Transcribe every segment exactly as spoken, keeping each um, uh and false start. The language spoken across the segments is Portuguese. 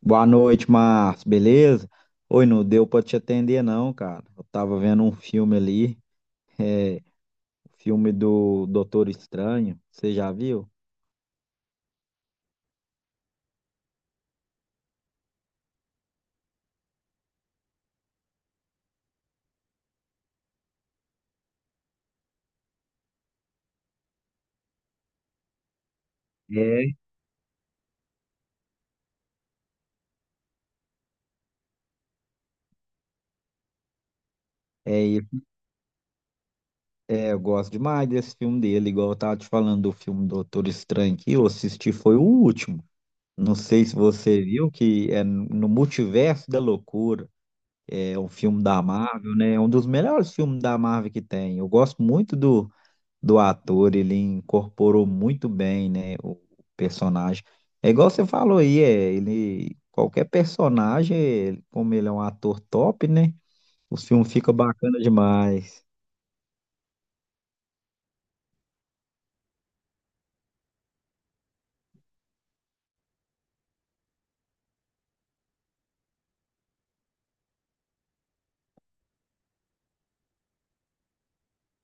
Boa noite, Márcio, beleza? Oi, não deu pra te atender não, cara. Eu tava vendo um filme ali, é, o filme do Doutor Estranho, você já viu? É, É, e- é, eu gosto demais desse filme dele, igual eu tava te falando do filme Doutor Estranho que eu assisti, foi o último. Não sei se você viu, que é no Multiverso da Loucura, é um filme da Marvel, né? É um dos melhores filmes da Marvel que tem. Eu gosto muito do. do ator, ele incorporou muito bem, né, o personagem. É igual você falou aí, é, ele qualquer personagem, ele- como ele é um ator top, né? Os filmes ficam bacana demais.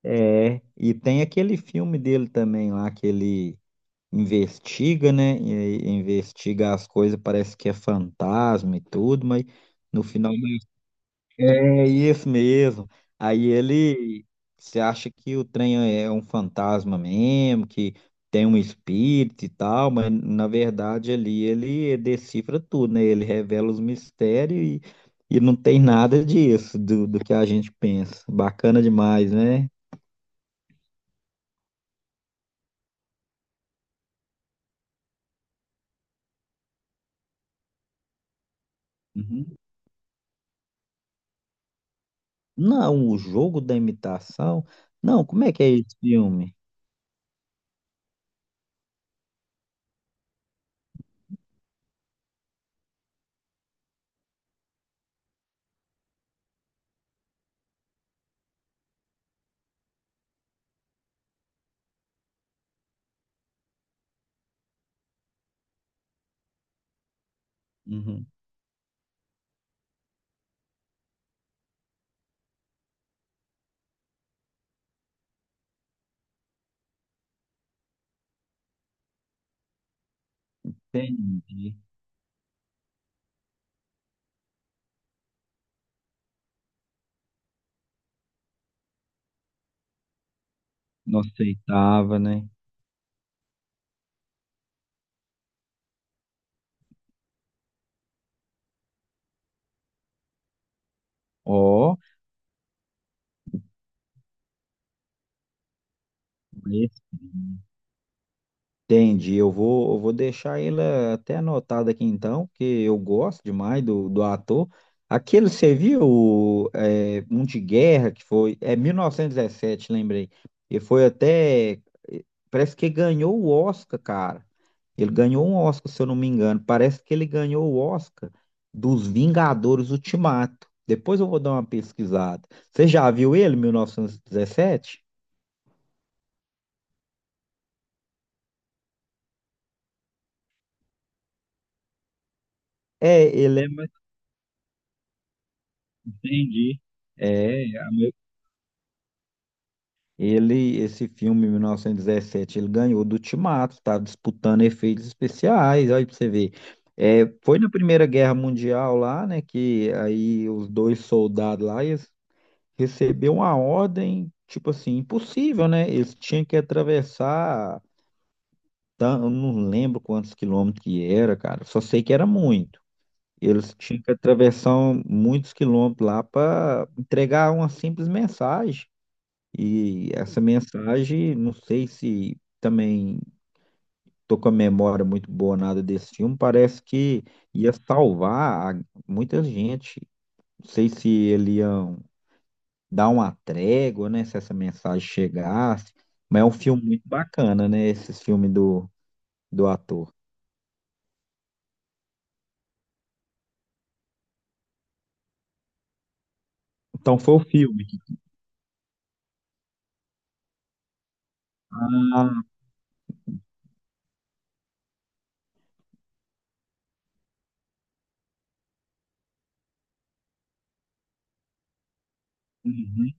É, e tem aquele filme dele também lá que ele investiga, né? E aí investiga as coisas, parece que é fantasma e tudo, mas no final É isso mesmo. Aí ele se acha que o trem é um fantasma mesmo, que tem um espírito e tal, mas na verdade ali ele decifra tudo, né? Ele revela os mistérios e, e não tem nada disso do, do que a gente pensa. Bacana demais, né? Uhum. Não, o jogo da imitação. Não, como é que é esse filme? Uhum. Entendi. Não aceitava, né? Ó, esse. Entendi, eu vou, eu vou deixar ele eh, até anotado aqui então, porque eu gosto demais do, do ator. Aquele, você viu, o, eh, um de guerra que foi, é mil novecentos e dezessete, lembrei. E foi até, eh, parece que ganhou o Oscar, cara. Ele ganhou um Oscar, se eu não me engano. Parece que ele ganhou o Oscar dos Vingadores Ultimato. Depois eu vou dar uma pesquisada. Você já viu ele, mil novecentos e dezessete? É, ele é mais... Entendi. É, ele, esse filme, mil novecentos e dezessete, ele ganhou do Ultimato, estava disputando efeitos especiais, olha para você ver. É, foi na Primeira Guerra Mundial lá, né, que aí os dois soldados lá eles receberam uma ordem, tipo assim, impossível, né? Eles tinham que atravessar, tan- eu não lembro quantos quilômetros que era, cara, só sei que era muito. Eles tinham que atravessar um, muitos quilômetros lá para entregar uma simples mensagem. E essa mensagem, não sei se também tô com a memória muito boa nada desse filme, parece que ia salvar a- muita gente. Não sei se ele ia dar uma trégua, né, se essa mensagem chegasse, mas é um filme muito bacana, né, esses filmes do, do ator. Então foi o filme. Ah, uhum.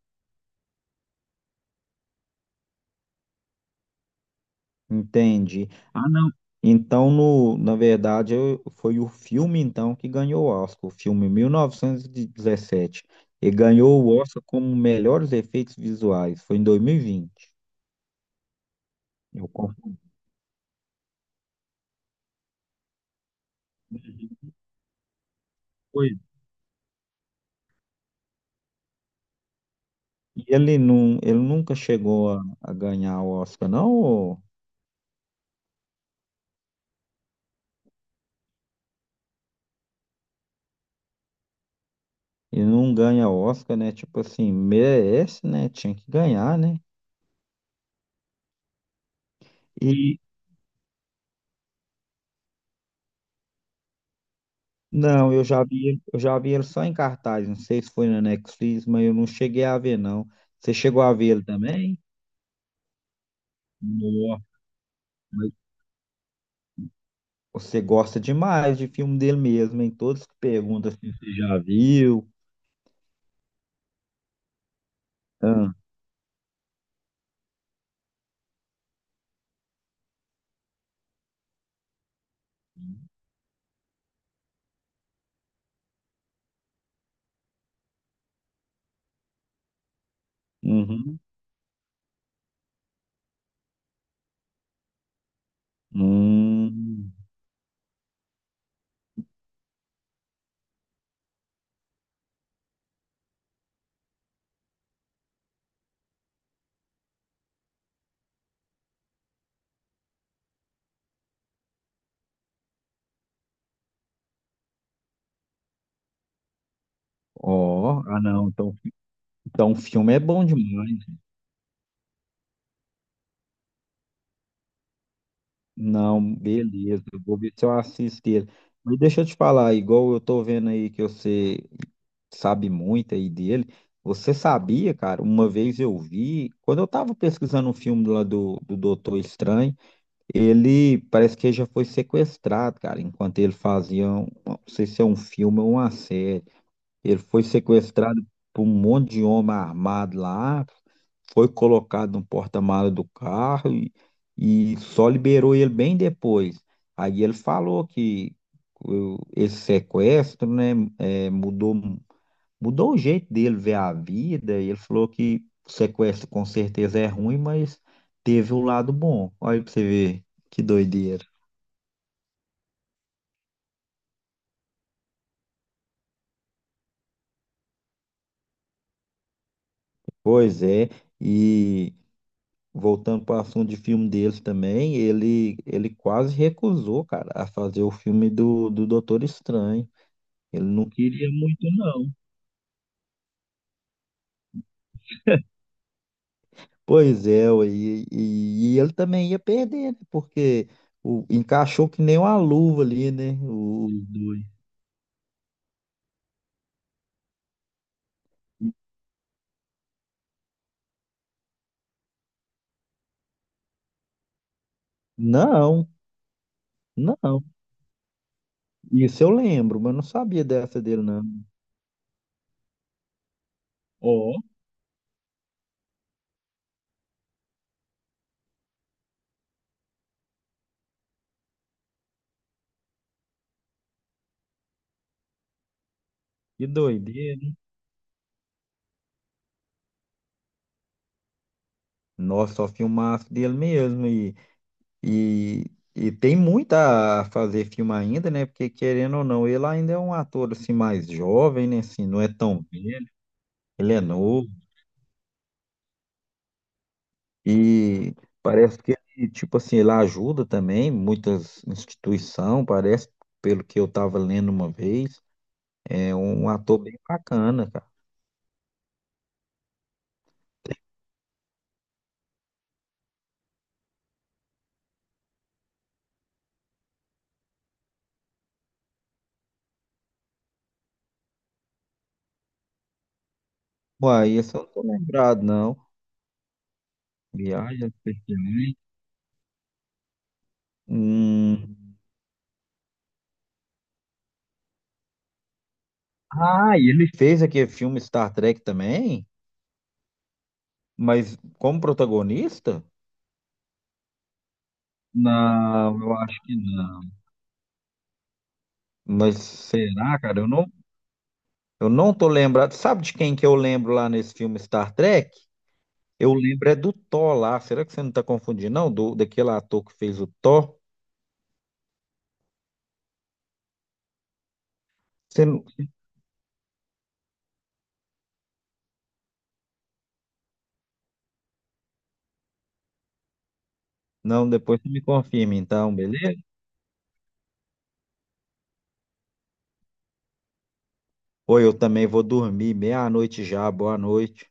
Entendi. Ah, não. Então, no, na verdade, eu- foi o filme, então, que ganhou o Oscar, o filme mil novecentos E dezessete e ganhou o Oscar como melhores efeitos visuais. Foi em dois mil e vinte. Eu confundi. Foi. E ele, não, ele nunca chegou a, a ganhar o Oscar, não? ou- Ele não ganha Oscar, né? Tipo assim, merece, né? Tinha que ganhar, né? e Não, eu já vi, ele- eu já vi ele só em cartaz, não sei se foi na Netflix, mas eu não cheguei a ver, não. Você chegou a ver ele também? Não. Mas você gosta demais de filme dele mesmo, hein? Todos que perguntam se você já viu. Ah, uhum. Hum, ó, ah não, então, então o filme é bom demais. Não, beleza. Eu vou ver se eu assisto ele. Mas deixa eu te falar, igual eu tô vendo aí que você sabe muito aí dele. Você sabia, cara? Uma vez eu vi, quando eu tava pesquisando um filme lá do, do Doutor Estranho, ele parece que ele já foi sequestrado, cara, enquanto ele fazia, um, não sei se é um filme ou uma série. Ele foi sequestrado por um monte de homem armado lá, foi colocado no porta-malas do carro e, e só liberou ele bem depois. Aí ele falou que o- esse sequestro, né, é, mudou, mudou o jeito dele ver a vida. E ele falou que o sequestro com certeza é ruim, mas teve o lado bom. Olha aí pra você ver que doideira. Pois é, e voltando para o assunto de filme deles também, ele, ele quase recusou, cara, a fazer o filme do, do Doutor Estranho. Ele não queria muito, não. Pois é, ué, e, e, e ele também ia perder, né? Porque o, encaixou que nem uma luva ali, né? o- Os dois. Não, não. Isso eu lembro, mas não sabia dessa dele, não. Ó, que doideira. Nossa, só filmaço dele mesmo. E E, e tem muito a fazer filme ainda, né? Porque querendo ou não, ele ainda é um ator assim mais jovem, né? Assim, não é tão velho, ele é novo e parece que ele, tipo assim, ele ajuda também muitas instituições, parece, pelo que eu estava lendo uma vez, é um ator bem bacana, cara. Uai, esse eu não tô lembrado, não. Viagem especial Perdições. Hum. Ah, e ele fez aquele filme Star Trek também, mas como protagonista? Não, eu acho que não. Mas será, cara? Eu não, eu não tô lembrado. Sabe de quem que eu lembro lá nesse filme Star Trek? Eu lembro é do Thor lá. Será que você não tá confundindo, não? Do, daquele ator que fez o Thor? Você não... Não, depois você me confirma, então, beleza? Ou eu também vou dormir meia-noite já. Boa noite.